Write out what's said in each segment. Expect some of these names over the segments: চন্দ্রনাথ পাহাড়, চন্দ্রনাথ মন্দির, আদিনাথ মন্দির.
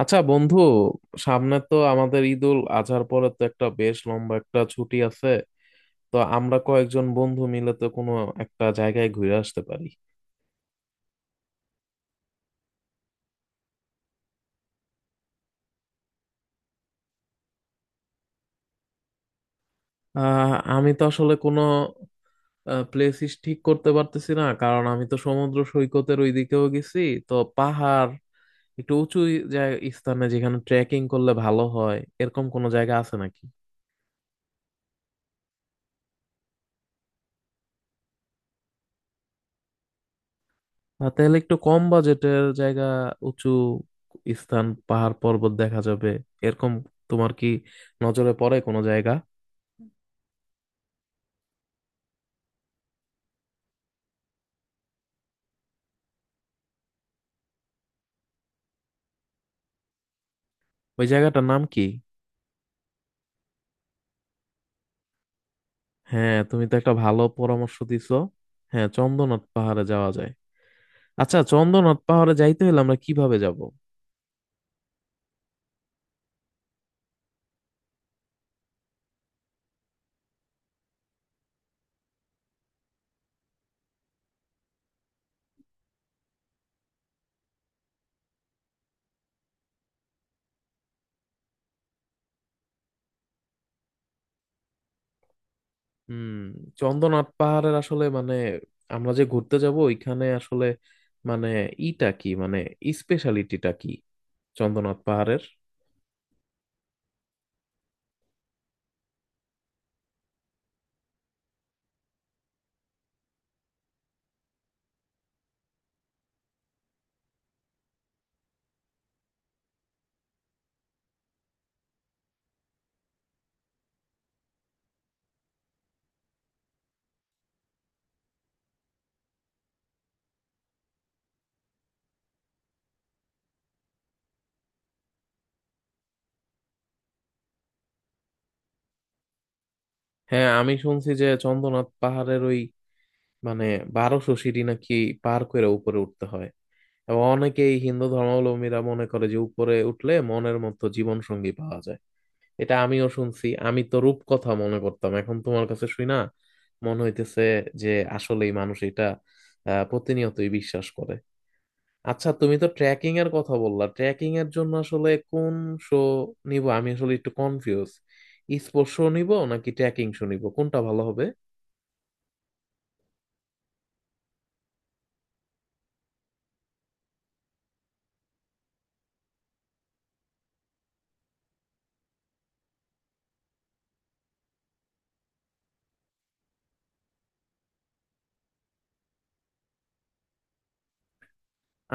আচ্ছা বন্ধু, সামনে তো আমাদের ঈদুল আজহার পরে তো একটা বেশ লম্বা একটা ছুটি আছে। তো আমরা কয়েকজন বন্ধু মিলে তো কোনো একটা জায়গায় ঘুরে আসতে পারি। আমি তো আসলে কোনো প্লেসিস ঠিক করতে পারতেছি না, কারণ আমি তো সমুদ্র সৈকতের ওইদিকেও গেছি। তো পাহাড়, একটু উঁচু জায়গা স্থানে যেখানে ট্রেকিং করলে ভালো হয়, এরকম কোনো জায়গা আছে নাকি? আর তাহলে একটু কম বাজেটের জায়গা, উঁচু স্থান, পাহাড় পর্বত দেখা যাবে এরকম, তোমার কি নজরে পড়ে কোনো জায়গা? ওই জায়গাটার নাম কি? হ্যাঁ, তুমি তো একটা ভালো পরামর্শ দিছো। হ্যাঁ, চন্দ্রনাথ পাহাড়ে যাওয়া যায়। আচ্ছা চন্দ্রনাথ পাহাড়ে যাইতে হলে আমরা কিভাবে যাব? হুম। চন্দ্রনাথ পাহাড়ের আসলে আমরা যে ঘুরতে যাব ওইখানে আসলে মানে ইটা কি, স্পেশালিটিটা কি চন্দ্রনাথ পাহাড়ের? হ্যাঁ, আমি শুনছি যে চন্দ্রনাথ পাহাড়ের ওই মানে 1200 সিঁড়ি নাকি পার করে উপরে উঠতে হয়। এবং অনেকেই হিন্দু ধর্মাবলম্বীরা মনে করে যে উপরে উঠলে মনের মতো জীবন সঙ্গী পাওয়া যায়। এটা আমিও শুনছি, আমি তো রূপকথা মনে করতাম, এখন তোমার কাছে শুই না মনে হইতেছে যে আসলেই মানুষ এটা প্রতিনিয়তই বিশ্বাস করে। আচ্ছা তুমি তো ট্রেকিং এর কথা বললা, ট্রেকিং এর জন্য আসলে কোন শো নিব, আমি আসলে একটু কনফিউজ। স্পোর্টস শো নিব নাকি ট্রেকিং শো নিব, কোনটা ভালো হবে?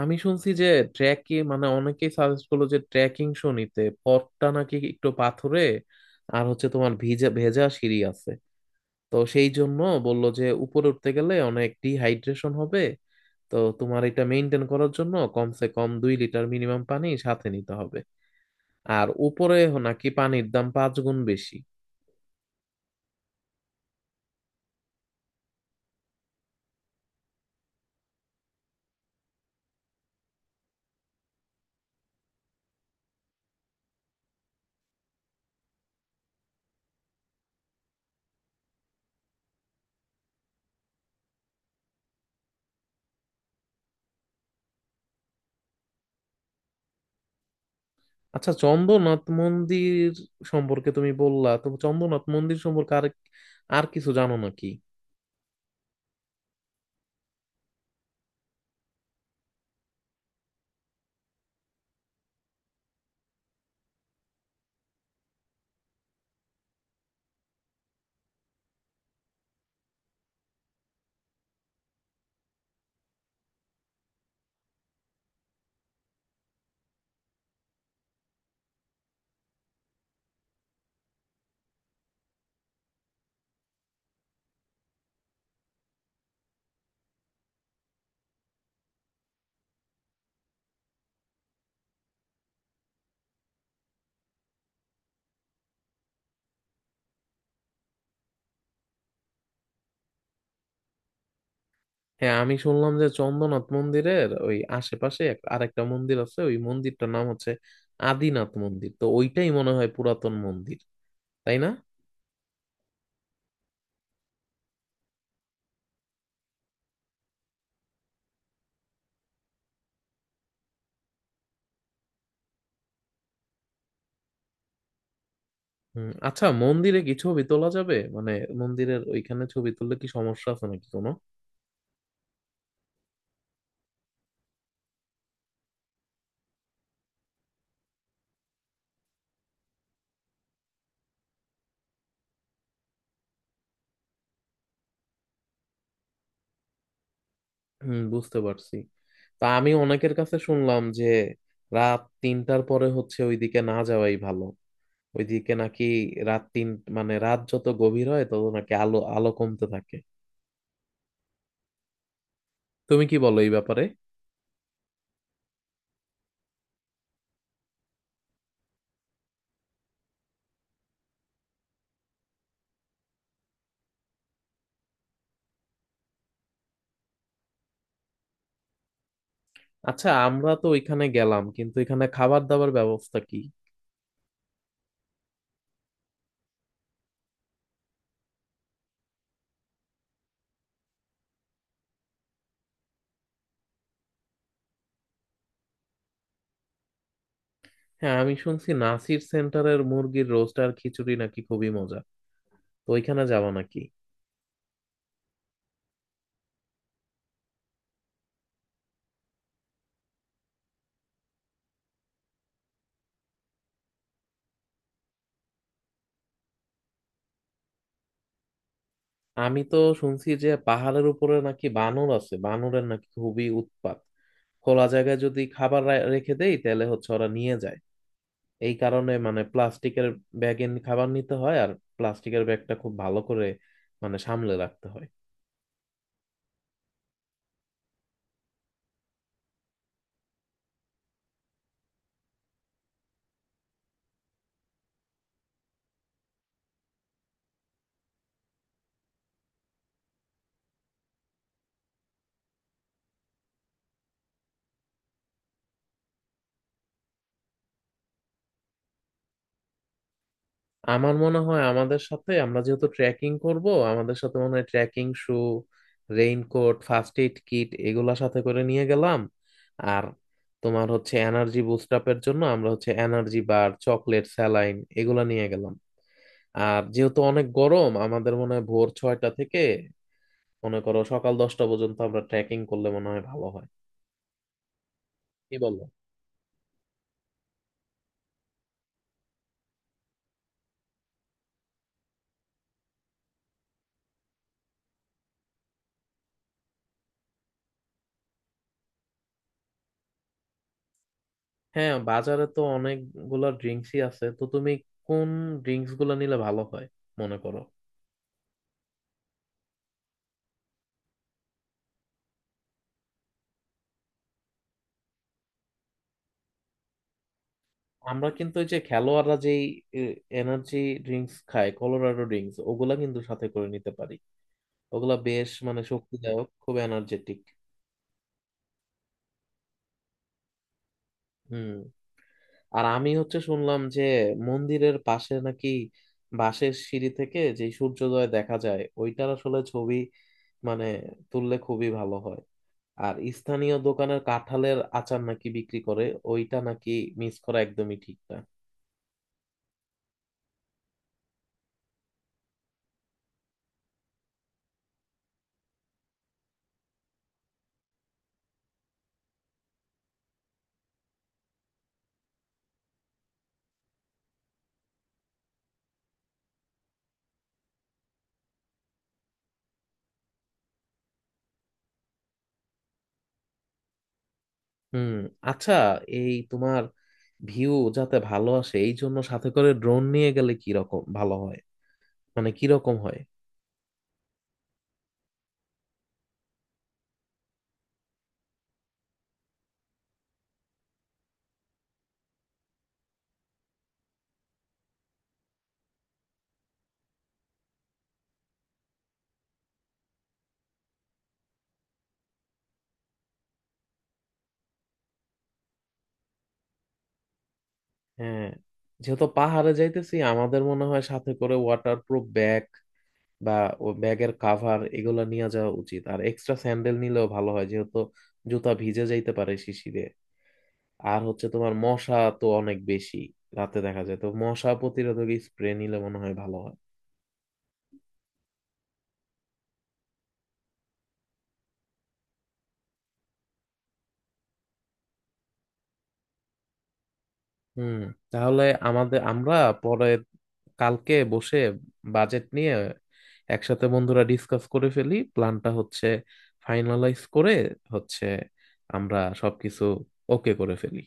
আমি শুনছি যে ট্রেকিং অনেকেই সাজেস্ট করলো যে ট্রেকিং শো নিতে, পথটা নাকি একটু পাথুরে। আর হচ্ছে তোমার ভিজা ভেজা সিঁড়ি আছে, তো সেই জন্য বললো যে উপরে উঠতে গেলে অনেক ডিহাইড্রেশন হবে। তো তোমার এটা মেনটেন করার জন্য কমসে কম 2 লিটার মিনিমাম পানি সাথে নিতে হবে। আর উপরে নাকি পানির দাম 5 গুণ বেশি। আচ্ছা চন্দ্রনাথ মন্দির সম্পর্কে তুমি বললা, তো চন্দ্রনাথ মন্দির সম্পর্কে আর আর কিছু জানো নাকি? হ্যাঁ আমি শুনলাম যে চন্দ্রনাথ মন্দিরের ওই আশেপাশে আরেকটা মন্দির আছে, ওই মন্দিরটার নাম হচ্ছে আদিনাথ মন্দির। তো ওইটাই মনে হয় পুরাতন মন্দির, তাই না? হুম, আচ্ছা মন্দিরে কি ছবি তোলা যাবে? মন্দিরের ওইখানে ছবি তুললে কি সমস্যা আছে নাকি কোনো? হুম, বুঝতে পারছি। তা আমি অনেকের কাছে শুনলাম যে রাত 3টার পরে হচ্ছে ওইদিকে না যাওয়াই ভালো। ওইদিকে নাকি রাত তিন মানে রাত যত গভীর হয় তত নাকি আলো আলো কমতে থাকে। তুমি কি বলো এই ব্যাপারে? আচ্ছা আমরা তো ওইখানে গেলাম, কিন্তু এখানে খাবার দাবার ব্যবস্থা কি? হ্যাঁ, আমি শুনছি নাসির সেন্টারের মুরগির রোস্ট আর খিচুড়ি নাকি খুবই মজা, তো ওইখানে যাব নাকি? আমি তো শুনছি যে পাহাড়ের উপরে নাকি বানর আছে, বানরের নাকি খুবই উৎপাত। খোলা জায়গায় যদি খাবার রেখে দেই তাহলে হচ্ছে ওরা নিয়ে যায়। এই কারণে প্লাস্টিকের ব্যাগে খাবার নিতে হয়, আর প্লাস্টিকের ব্যাগটা খুব ভালো করে সামলে রাখতে হয়। আমার মনে হয় আমাদের সাথে, আমরা যেহেতু ট্রেকিং করব, আমাদের সাথে মনে হয় trekking shoe, raincoat, first aid kit এগুলা সাথে করে নিয়ে গেলাম। আর তোমার হচ্ছে এনার্জি বুস্ট আপের জন্য আমরা হচ্ছে এনার্জি বার, চকলেট, স্যালাইন এগুলা নিয়ে গেলাম। আর যেহেতু অনেক গরম, আমাদের মনে হয় ভোর 6টা থেকে মনে করো সকাল 10টা পর্যন্ত আমরা ট্রেকিং করলে মনে হয় ভালো হয়। কি বলো? হ্যাঁ, বাজারে তো অনেকগুলা ড্রিঙ্কসই আছে, তো তুমি কোন ড্রিঙ্কস গুলো নিলে ভালো হয় মনে করো? আমরা কিন্তু ওই যে খেলোয়াড়রা যেই এনার্জি ড্রিঙ্কস খায়, কলোরাডো ড্রিঙ্কস, ওগুলা কিন্তু সাথে করে নিতে পারি। ওগুলা বেশ শক্তিদায়ক, খুব এনার্জেটিক। হুম। আর আমি হচ্ছে শুনলাম যে মন্দিরের পাশে নাকি বাঁশের সিঁড়ি থেকে যে সূর্যোদয় দেখা যায় ওইটার আসলে ছবি মানে তুললে খুবই ভালো হয়। আর স্থানীয় দোকানের কাঁঠালের আচার নাকি বিক্রি করে, ওইটা নাকি মিস করা একদমই ঠিক না। হুম, আচ্ছা এই তোমার ভিউ যাতে ভালো আসে এই জন্য সাথে করে ড্রোন নিয়ে গেলে কি রকম ভালো হয়, কি রকম হয়? হ্যাঁ, যেহেতু পাহাড়ে যাইতেছি আমাদের মনে হয় সাথে করে ওয়াটারপ্রুফ ব্যাগ বা ও ব্যাগের কাভার এগুলো নিয়ে যাওয়া উচিত। আর এক্সট্রা স্যান্ডেল নিলেও ভালো হয় যেহেতু জুতা ভিজে যাইতে পারে শিশিরে। আর হচ্ছে তোমার মশা তো অনেক বেশি রাতে দেখা যায়, তো মশা প্রতিরোধক স্প্রে নিলে মনে হয় ভালো হয়। হুম, তাহলে আমাদের, আমরা পরে কালকে বসে বাজেট নিয়ে একসাথে বন্ধুরা ডিসকাস করে ফেলি, প্ল্যানটা হচ্ছে ফাইনালাইজ করে হচ্ছে আমরা সবকিছু ওকে করে ফেলি।